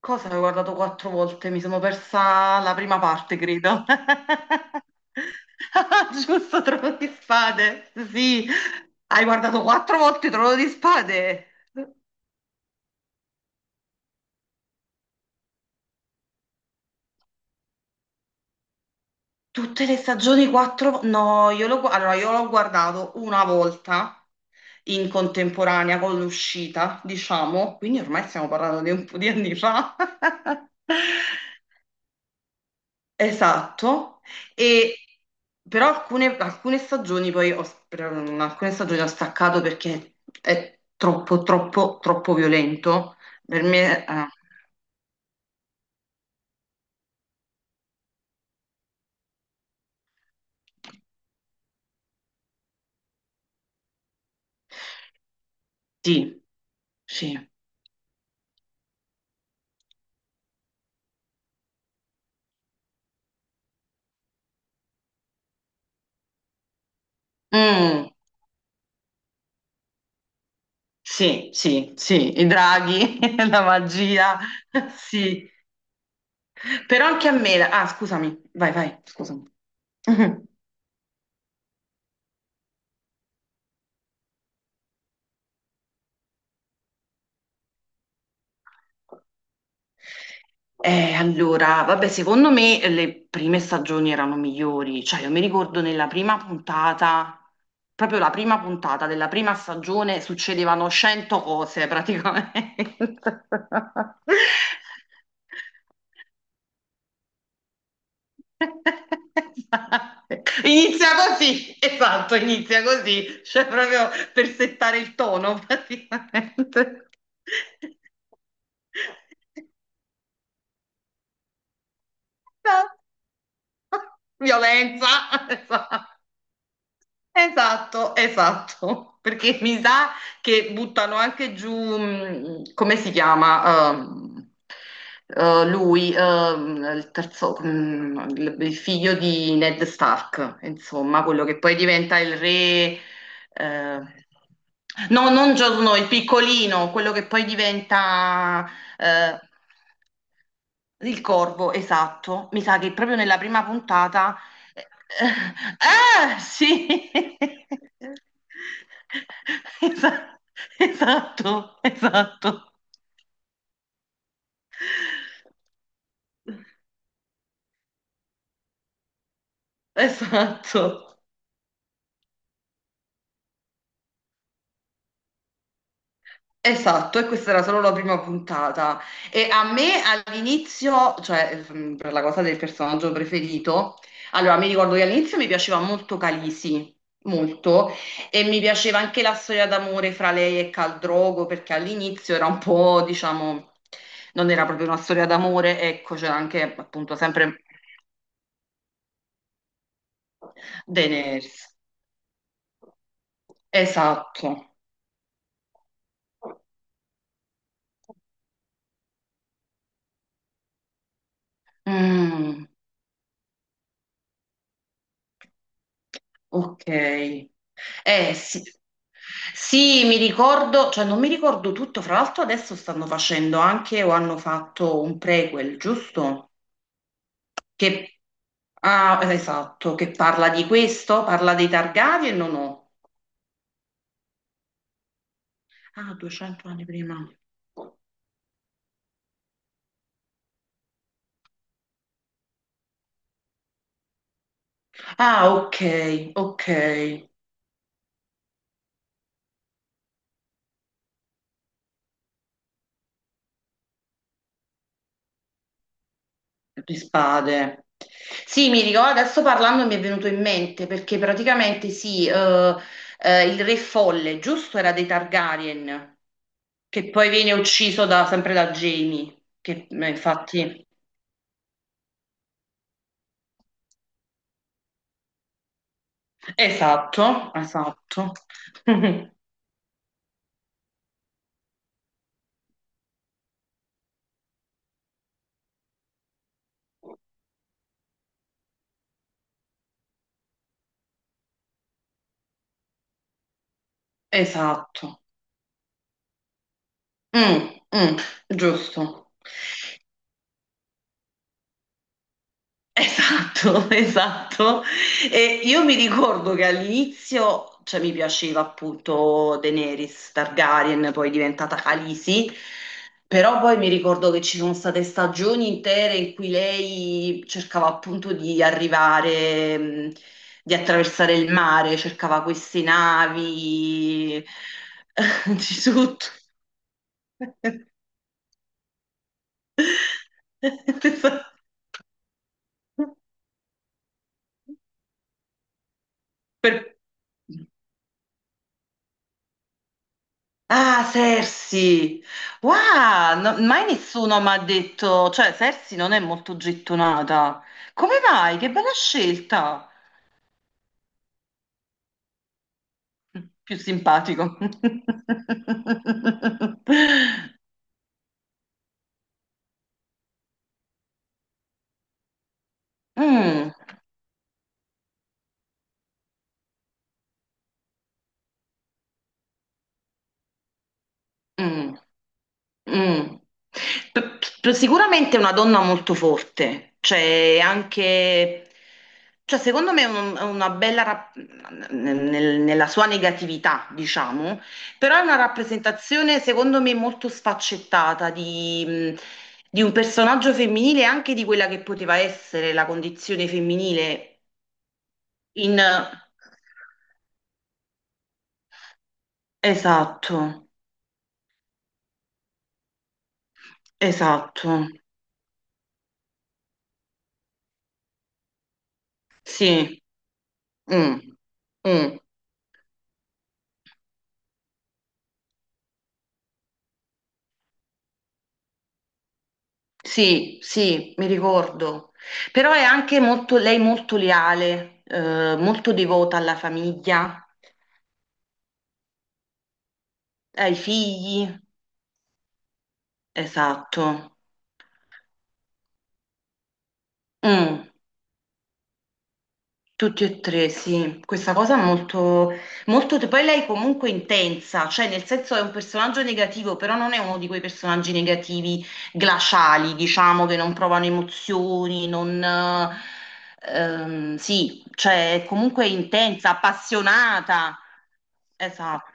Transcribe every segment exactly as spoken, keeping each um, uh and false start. Cosa avevo guardato quattro volte? Mi sono persa la prima parte, credo. Giusto, Trono di Spade. Sì, hai guardato quattro volte Trono di Spade. Tutte le stagioni quattro. vo- No, io l'ho gu- allora, io l'ho guardato una volta in contemporanea con l'uscita, diciamo, quindi ormai stiamo parlando di un po' di anni fa. Esatto, e, però alcune, alcune stagioni poi ho, per- mm, alcune stagioni ho staccato perché è troppo, troppo, troppo violento. Per me, eh, sì, sì. Mm, sì, sì, sì, i draghi, la magia, sì. Però anche a me, la- ah, scusami, vai, vai, scusami. Eh, allora, vabbè, secondo me le prime stagioni erano migliori, cioè io mi ricordo nella prima puntata, proprio la prima puntata della prima stagione succedevano cento cose praticamente. Inizia così, esatto, inizia così, cioè proprio per settare il tono praticamente. No. Violenza, esatto, esatto, esatto. Perché mi sa che buttano anche giù, mh, come si chiama, ehm, eh, lui, ehm, il terzo, mh, il il figlio di Ned Stark, insomma, quello che poi diventa il re, eh, no, non Jon Snow, il piccolino, quello che poi diventa, eh, il corvo, esatto. Mi sa che proprio nella prima puntata. Ah, sì! Esa- Esatto, esatto, esatto. Esatto, e questa era solo la prima puntata. E a me all'inizio, cioè mh, per la cosa del personaggio preferito, allora mi ricordo che all'inizio mi piaceva molto Calisi, molto, e mi piaceva anche la storia d'amore fra lei e Caldrogo, perché all'inizio era un po', diciamo, non era proprio una storia d'amore, ecco, c'era anche appunto sempre Daenerys. Esatto. Mm. Ok. Eh sì. Sì, mi ricordo, cioè non mi ricordo tutto, fra l'altro adesso stanno facendo anche o hanno fatto un prequel, giusto? Che, ah, esatto, che parla di questo, parla dei Targaryen o no? Ah, duecento anni prima. Ah, ok, ok, di spade. Sì, mi ricordo, adesso parlando mi è venuto in mente perché praticamente sì, eh, eh, il re folle, giusto, era dei Targaryen. Che poi viene ucciso da- sempre da Jamie, che eh, infatti. Esatto, esatto. Esatto. Mm, mm, giusto. Esatto, esatto. E io mi ricordo che all'inizio, cioè, mi piaceva appunto Daenerys Targaryen, poi diventata Khaleesi, però poi mi ricordo che ci sono state stagioni intere in cui lei cercava appunto di arrivare, mh, di attraversare il mare, cercava queste navi, di tutto. Esatto. Per- Ah, Sersi! Wow, no- mai nessuno mi ha detto, cioè Sersi non è molto gettonata. Come mai? Che bella scelta! Più simpatico. Mm, mm. Mm. P- p- sicuramente è una donna molto forte, cioè anche, cioè secondo me è un- è una bella, rap- nel- nella sua negatività, diciamo, però è una rappresentazione secondo me molto sfaccettata di, mh, di un personaggio femminile e anche di quella che poteva essere la condizione femminile in. Esatto, esatto, sì. Mm, mm. Sì, sì, mi ricordo. Però è anche molto, lei molto leale, eh, molto devota alla famiglia, ai figli. Esatto. Mm. Tutti e tre, sì, questa cosa è molto, molto. Poi lei comunque è intensa, cioè nel senso è un personaggio negativo, però non è uno di quei personaggi negativi glaciali, diciamo, che non provano emozioni, non, ehm, sì, cioè è comunque intensa, appassionata. Esatto.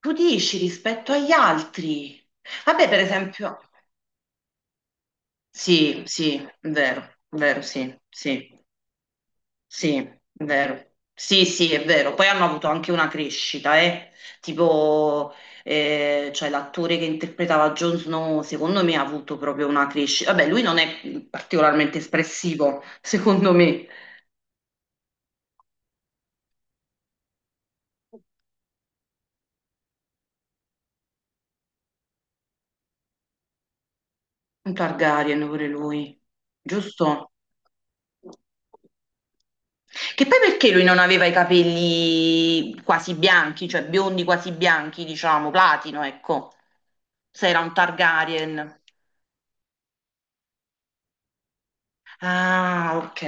Tu dici rispetto agli altri. Vabbè, per esempio. Sì, sì, vero, vero, sì, sì. Sì, è vero. Sì, sì, è vero. Poi hanno avuto anche una crescita, eh. Tipo, eh, cioè l'attore che interpretava Jon Snow, secondo me ha avuto proprio una crescita. Vabbè, lui non è particolarmente espressivo, secondo me. Un Targaryen pure lui, giusto? Che poi perché lui non aveva i capelli quasi bianchi, cioè biondi quasi bianchi, diciamo, platino, ecco. Se era un Targaryen. Ah, ok.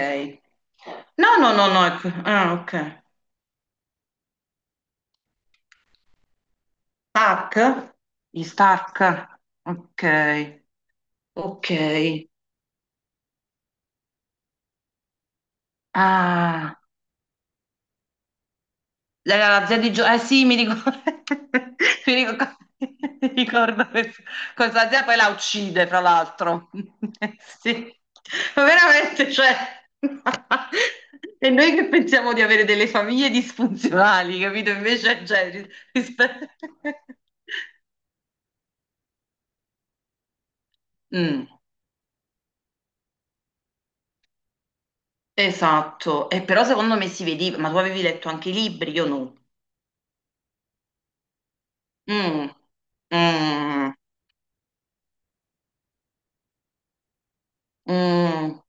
No, no, no, no. Ecco. Ah, ok. Stark? Gli Stark. Ok, ok. Ah, era la zia di Gio. Eh sì, mi ricordo. Mi ricordo, mi ricordo questo- questa zia poi la uccide, fra l'altro. Sì, ma veramente, cioè. E noi che pensiamo di avere delle famiglie disfunzionali, capito? Invece, cioè, ris- rispe- Mm. Esatto, e però secondo me si vedeva, ma tu avevi letto anche i libri, io no. Mm, mm, mm, mm.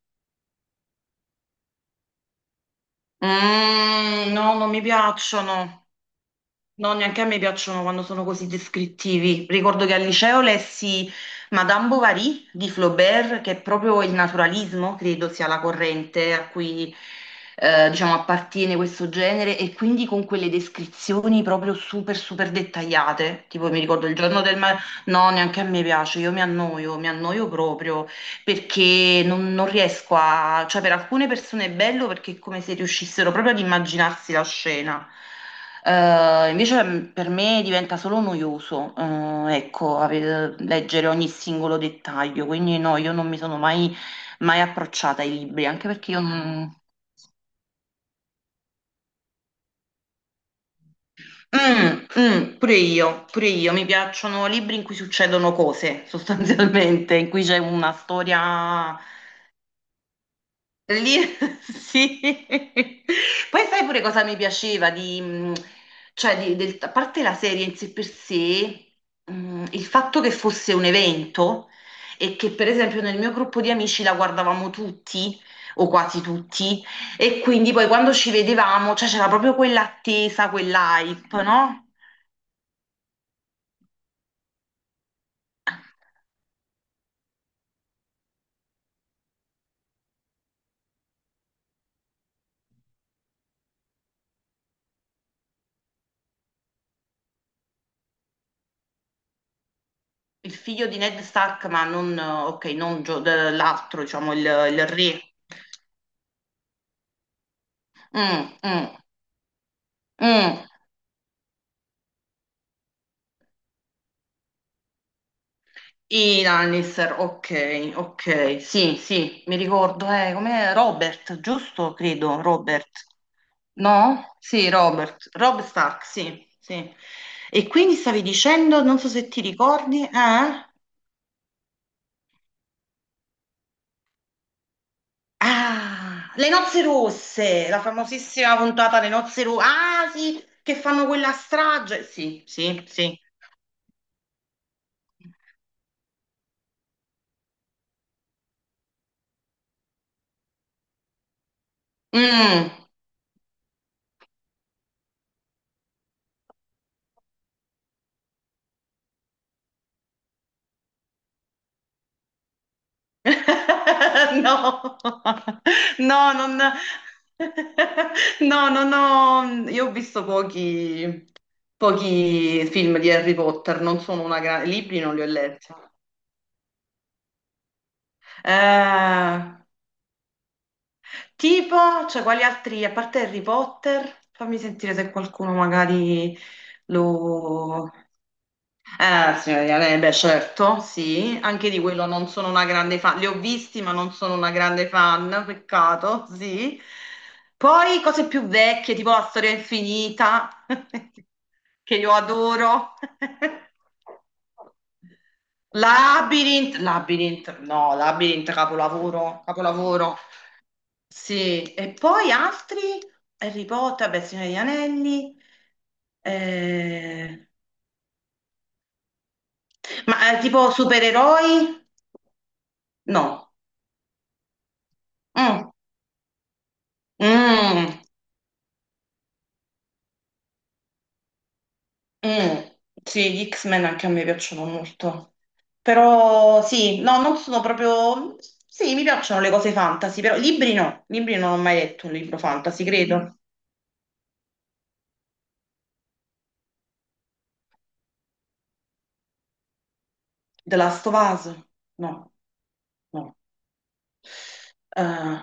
Mm. No, non mi piacciono. No, neanche a me piacciono quando sono così descrittivi. Ricordo che al liceo lessi Madame Bovary di Flaubert, che è proprio il naturalismo, credo sia la corrente a cui eh, diciamo, appartiene questo genere, e quindi con quelle descrizioni proprio super, super dettagliate. Tipo, mi ricordo il giorno del mare. No, neanche a me piace, io mi annoio, mi annoio proprio perché non, non riesco a, cioè per alcune persone è bello perché è come se riuscissero proprio ad immaginarsi la scena. Eh, invece mm, per me diventa solo noioso, eh, ecco, ave- leggere ogni singolo dettaglio, quindi no, io non mi sono mai, mai approcciata ai libri, anche perché io non. Mm, mm, pure io, pure io, mi piacciono libri in cui succedono cose, sostanzialmente, in cui c'è una storia. Lì, sì. Poi sai pure cosa mi piaceva di, mh, cioè di- del- a parte la serie in sé per sé, mh, il fatto che fosse un evento e che per esempio nel mio gruppo di amici la guardavamo tutti o quasi tutti e quindi poi quando ci vedevamo, cioè c'era proprio quell'attesa, quell'hype, no? Il figlio di Ned Stark, ma non, ok, non Gio- l'altro, diciamo, il, il re. Mm, mm, mm. I Lannister, ok, ok, sì, sì, mi ricordo, eh, com'è Robert, giusto? Credo, Robert. No? Sì, Robert, Rob Stark, sì, sì. E quindi stavi dicendo, non so se ti ricordi, eh? Ah, Le nozze rosse, la famosissima puntata Le nozze rosse, ah sì, che fanno quella strage, sì, sì, sì. Mm. No, no, non. No, non ho. Io ho visto pochi, pochi film di Harry Potter, non sono una grande. Libri non li ho letti. Eh, tipo, cioè, quali altri, a parte Harry Potter, fammi sentire se qualcuno magari lo. Eh, signora Diana, eh, beh, certo, sì, anche di quello non sono una grande fan, li ho visti ma non sono una grande fan, peccato, sì. Poi cose più vecchie, tipo La storia infinita, che io adoro. Labyrinth, Labyrinth, no, Labyrinth, capolavoro, capolavoro. Sì, e poi altri, Harry Potter, beh, Signore degli Anelli, eh, ma eh, tipo supereroi? No. Mm. Mm. Mm. Sì, gli X-Men anche a me piacciono molto. Però sì, no, non sono proprio. Sì, mi piacciono le cose fantasy, però libri no. Libri non ho mai letto un libro fantasy, credo. The Last of Us? No, no. Eh,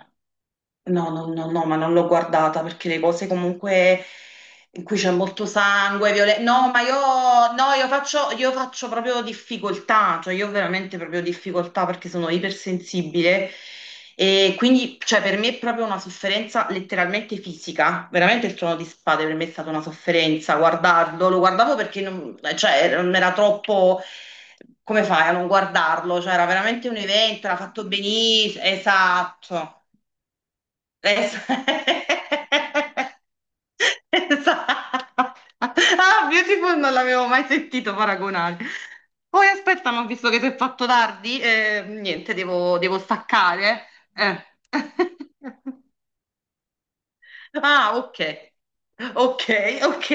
no, no, no, no, ma non l'ho guardata perché le cose comunque. In cui c'è molto sangue, violenza. No, ma io, no, io faccio, io faccio proprio difficoltà, cioè io ho veramente proprio difficoltà perché sono ipersensibile e quindi, cioè, per me è proprio una sofferenza letteralmente fisica. Veramente il Trono di Spade per me è stata una sofferenza guardarlo, lo guardavo perché non, cioè, non era troppo come fai a non guardarlo? Cioè, era veramente un evento, era fatto benissimo, esatto. Es- Esatto. Ah, Beautiful non l'avevo mai sentito paragonare. Poi aspetta, ma ho visto che si è fatto tardi, eh, niente, devo, devo staccare. Eh. Ah, ok. Ok, ok.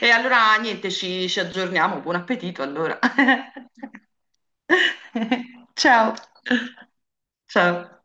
E allora niente, ci, ci aggiorniamo. Buon appetito allora. Ciao. Ciao.